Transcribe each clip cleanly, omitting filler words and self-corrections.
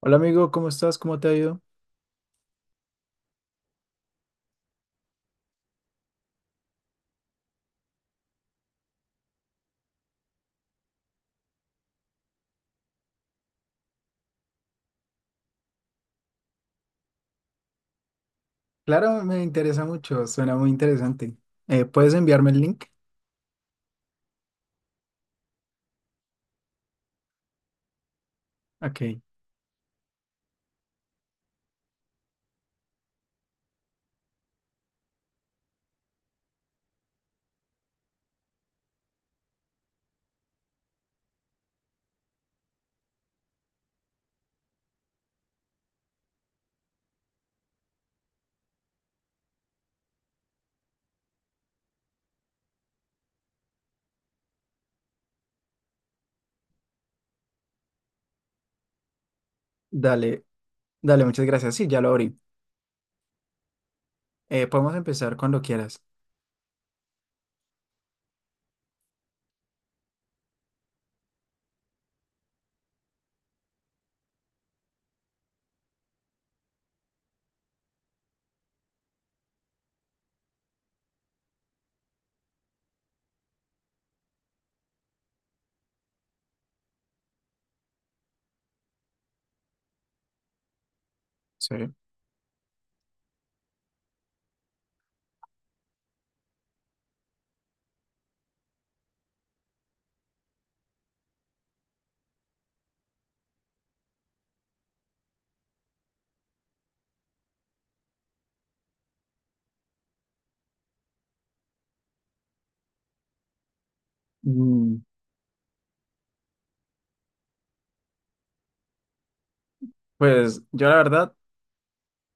Hola amigo, ¿cómo estás? ¿Cómo te ha ido? Claro, me interesa mucho, suena muy interesante. ¿Puedes enviarme el link? Ok, dale, dale, muchas gracias. Sí, ya lo abrí. Podemos empezar cuando quieras. Sí. Mm, pues yo la verdad,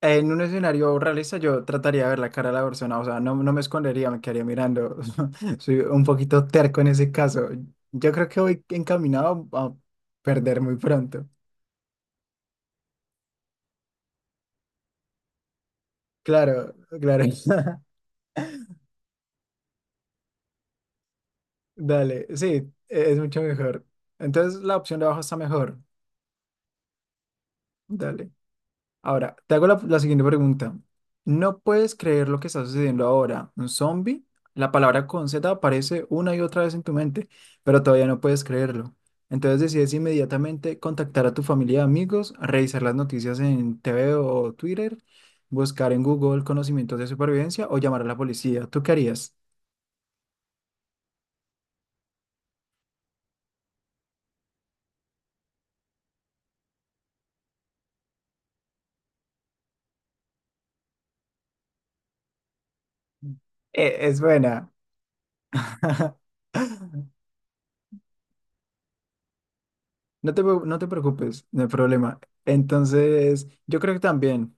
en un escenario realista yo trataría de ver la cara de la persona, o sea, no, no me escondería, me quedaría mirando. Soy un poquito terco en ese caso. Yo creo que voy encaminado a perder muy pronto. Claro, claro. Dale, sí, es mucho mejor. Entonces la opción de abajo está mejor. Dale. Ahora, te hago la siguiente pregunta. No puedes creer lo que está sucediendo ahora. Un zombie, la palabra con Z aparece una y otra vez en tu mente, pero todavía no puedes creerlo. Entonces decides inmediatamente contactar a tu familia y amigos, revisar las noticias en TV o Twitter, buscar en Google conocimientos de supervivencia o llamar a la policía. ¿Tú qué harías? Es buena. No te preocupes, no hay problema. Entonces, yo creo que también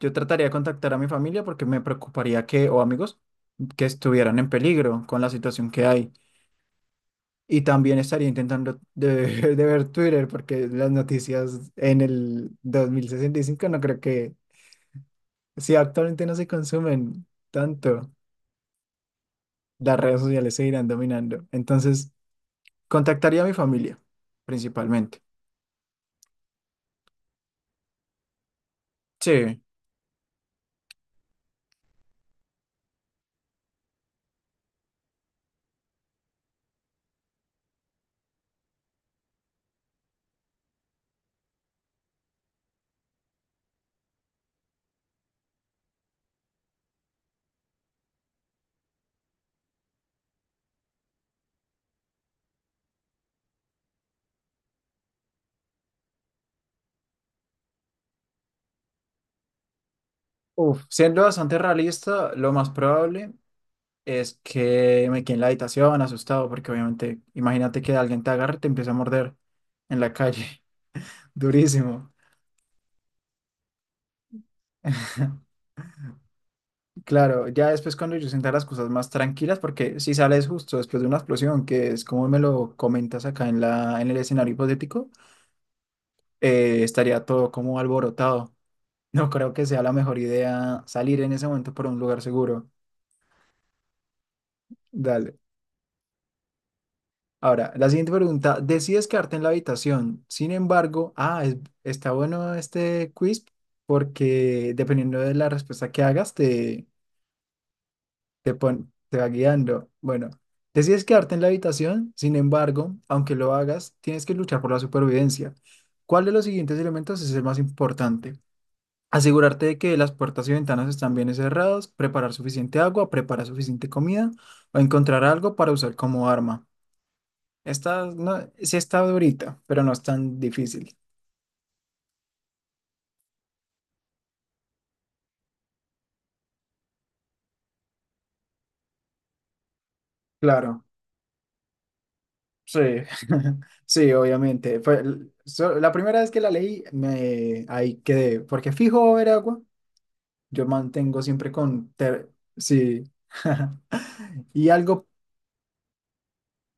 yo trataría de contactar a mi familia porque me preocuparía que, o amigos, que estuvieran en peligro con la situación que hay. Y también estaría de ver Twitter porque las noticias en el 2065 no creo que, si actualmente no se consumen tanto, las redes sociales seguirán dominando. Entonces, contactaría a mi familia, principalmente. Sí. Uf, siendo bastante realista, lo más probable. Es que me quedé en la habitación asustado porque obviamente, imagínate que alguien te agarre y te empieza a morder en la calle, durísimo. Claro, ya después cuando yo sienta las cosas más tranquilas, porque si sales justo después de una explosión, que es como me lo comentas acá en en el escenario hipotético, estaría todo como alborotado. No creo que sea la mejor idea salir en ese momento por un lugar seguro. Dale. Ahora, la siguiente pregunta, decides quedarte en la habitación. Sin embargo, está bueno este quiz porque dependiendo de la respuesta que hagas, te va guiando. Bueno, decides quedarte en la habitación. Sin embargo, aunque lo hagas, tienes que luchar por la supervivencia. ¿Cuál de los siguientes elementos es el más importante? Asegurarte de que las puertas y ventanas están bien cerradas, preparar suficiente agua, preparar suficiente comida o encontrar algo para usar como arma. Está, no, sí está durita, pero no es tan difícil. Claro, sí, sí, obviamente. La primera vez que la leí, me, ahí quedé, porque fijo va a haber agua, yo mantengo siempre con, ter- sí, y algo,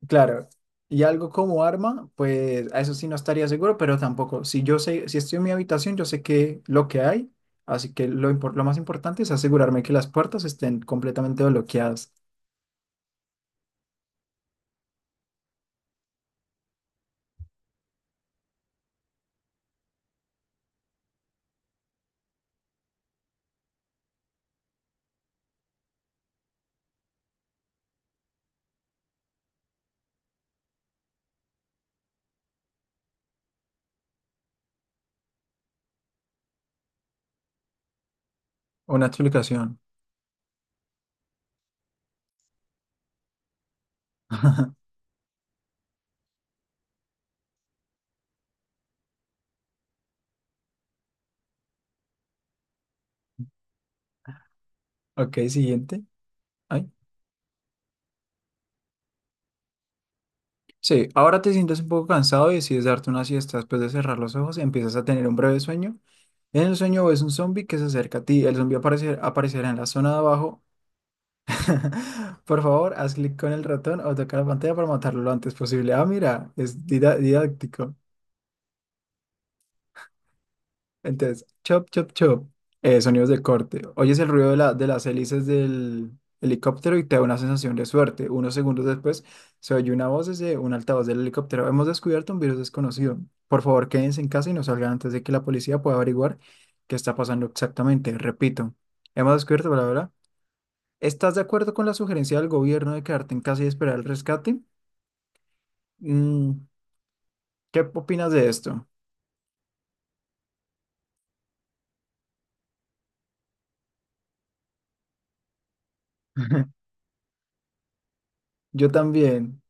claro, y algo como arma, pues a eso sí no estaría seguro, pero tampoco, si yo sé, si estoy en mi habitación, yo sé que lo que hay, así que lo más importante es asegurarme que las puertas estén completamente bloqueadas. Una explicación. Ok, siguiente. Ay. Sí, ahora te sientes un poco cansado y decides darte una siesta. Después de cerrar los ojos, empiezas a tener un breve sueño. En el sueño ves un zombie que se acerca a ti. El zombie aparecerá en la zona de abajo. Por favor, haz clic con el ratón o toca la pantalla para matarlo lo antes posible. Ah, mira, es didáctico. Entonces, chop, chop, chop. Sonidos de corte. Oyes el ruido de, de las hélices del helicóptero y te da una sensación de suerte. Unos segundos después se oye una voz desde un altavoz del helicóptero. Hemos descubierto un virus desconocido. Por favor, quédense en casa y no salgan antes de que la policía pueda averiguar qué está pasando exactamente. Repito, hemos descubierto, bla, bla, bla. ¿Estás de acuerdo con la sugerencia del gobierno de quedarte en casa y esperar el rescate? Mm, ¿Qué opinas de esto? Yo también.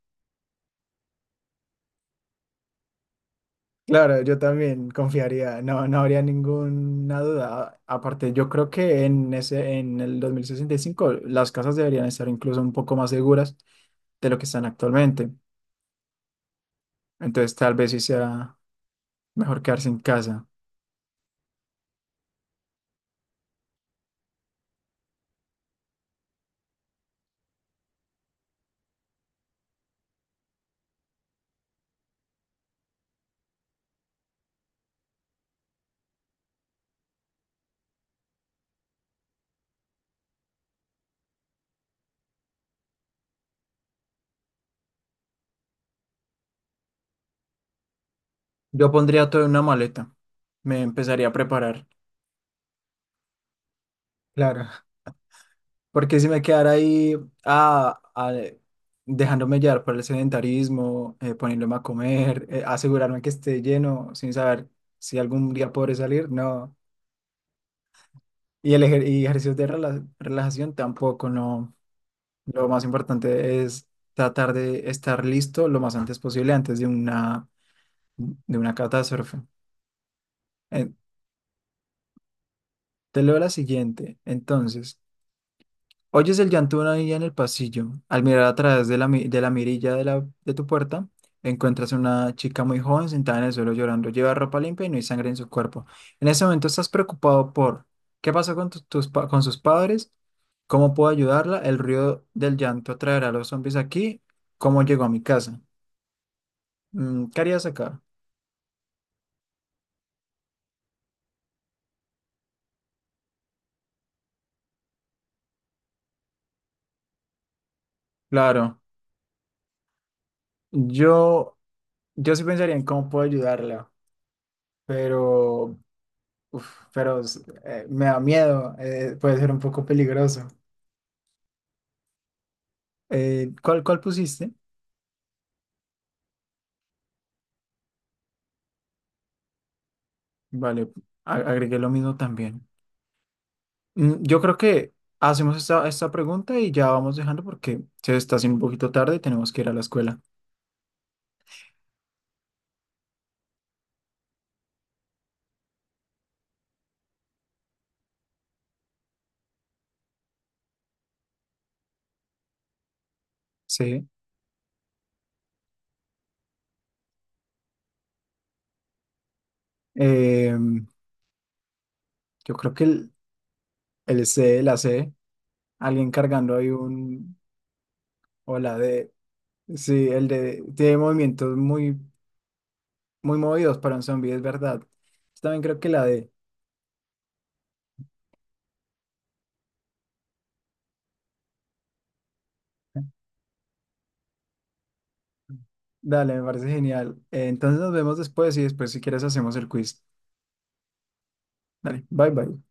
Claro, yo también confiaría, no, no habría ninguna duda. Aparte, yo creo que en en el 2065 las casas deberían estar incluso un poco más seguras de lo que están actualmente. Entonces, tal vez sí sea mejor quedarse en casa. Yo pondría todo en una maleta. Me empezaría a preparar. Claro. Porque si me quedara ahí ah, ah, dejándome llevar por el sedentarismo, poniéndome a comer, asegurarme que esté lleno sin saber si algún día podré salir, no. Y ejercicios de relajación tampoco, no. Lo más importante es tratar de estar listo lo más antes posible antes de de una catástrofe. Eh, te leo la siguiente. Entonces, oyes el llanto de una niña en el pasillo. Al mirar a través de de la mirilla de tu puerta, encuentras una chica muy joven sentada en el suelo llorando. Lleva ropa limpia y no hay sangre en su cuerpo. En ese momento estás preocupado por qué pasó con, con sus padres, cómo puedo ayudarla, el ruido del llanto traerá a los zombies aquí, cómo llegó a mi casa. Mm, ¿qué harías acá? Claro, yo, yo sí pensaría en cómo puedo ayudarla, pero uf, pero me da miedo, puede ser un poco peligroso. ¿Cuál pusiste? Vale, agregué lo mismo también. Mm, yo creo que hacemos esta pregunta y ya vamos dejando porque se está haciendo un poquito tarde y tenemos que ir a la escuela. Sí. Em, yo creo que el C, la C, alguien cargando ahí un, o la D, sí, el D, tiene movimientos muy movidos para un zombie, es verdad. Yo también creo que la D. Dale, me parece genial. Entonces nos vemos después y después si quieres hacemos el quiz. Dale, bye bye.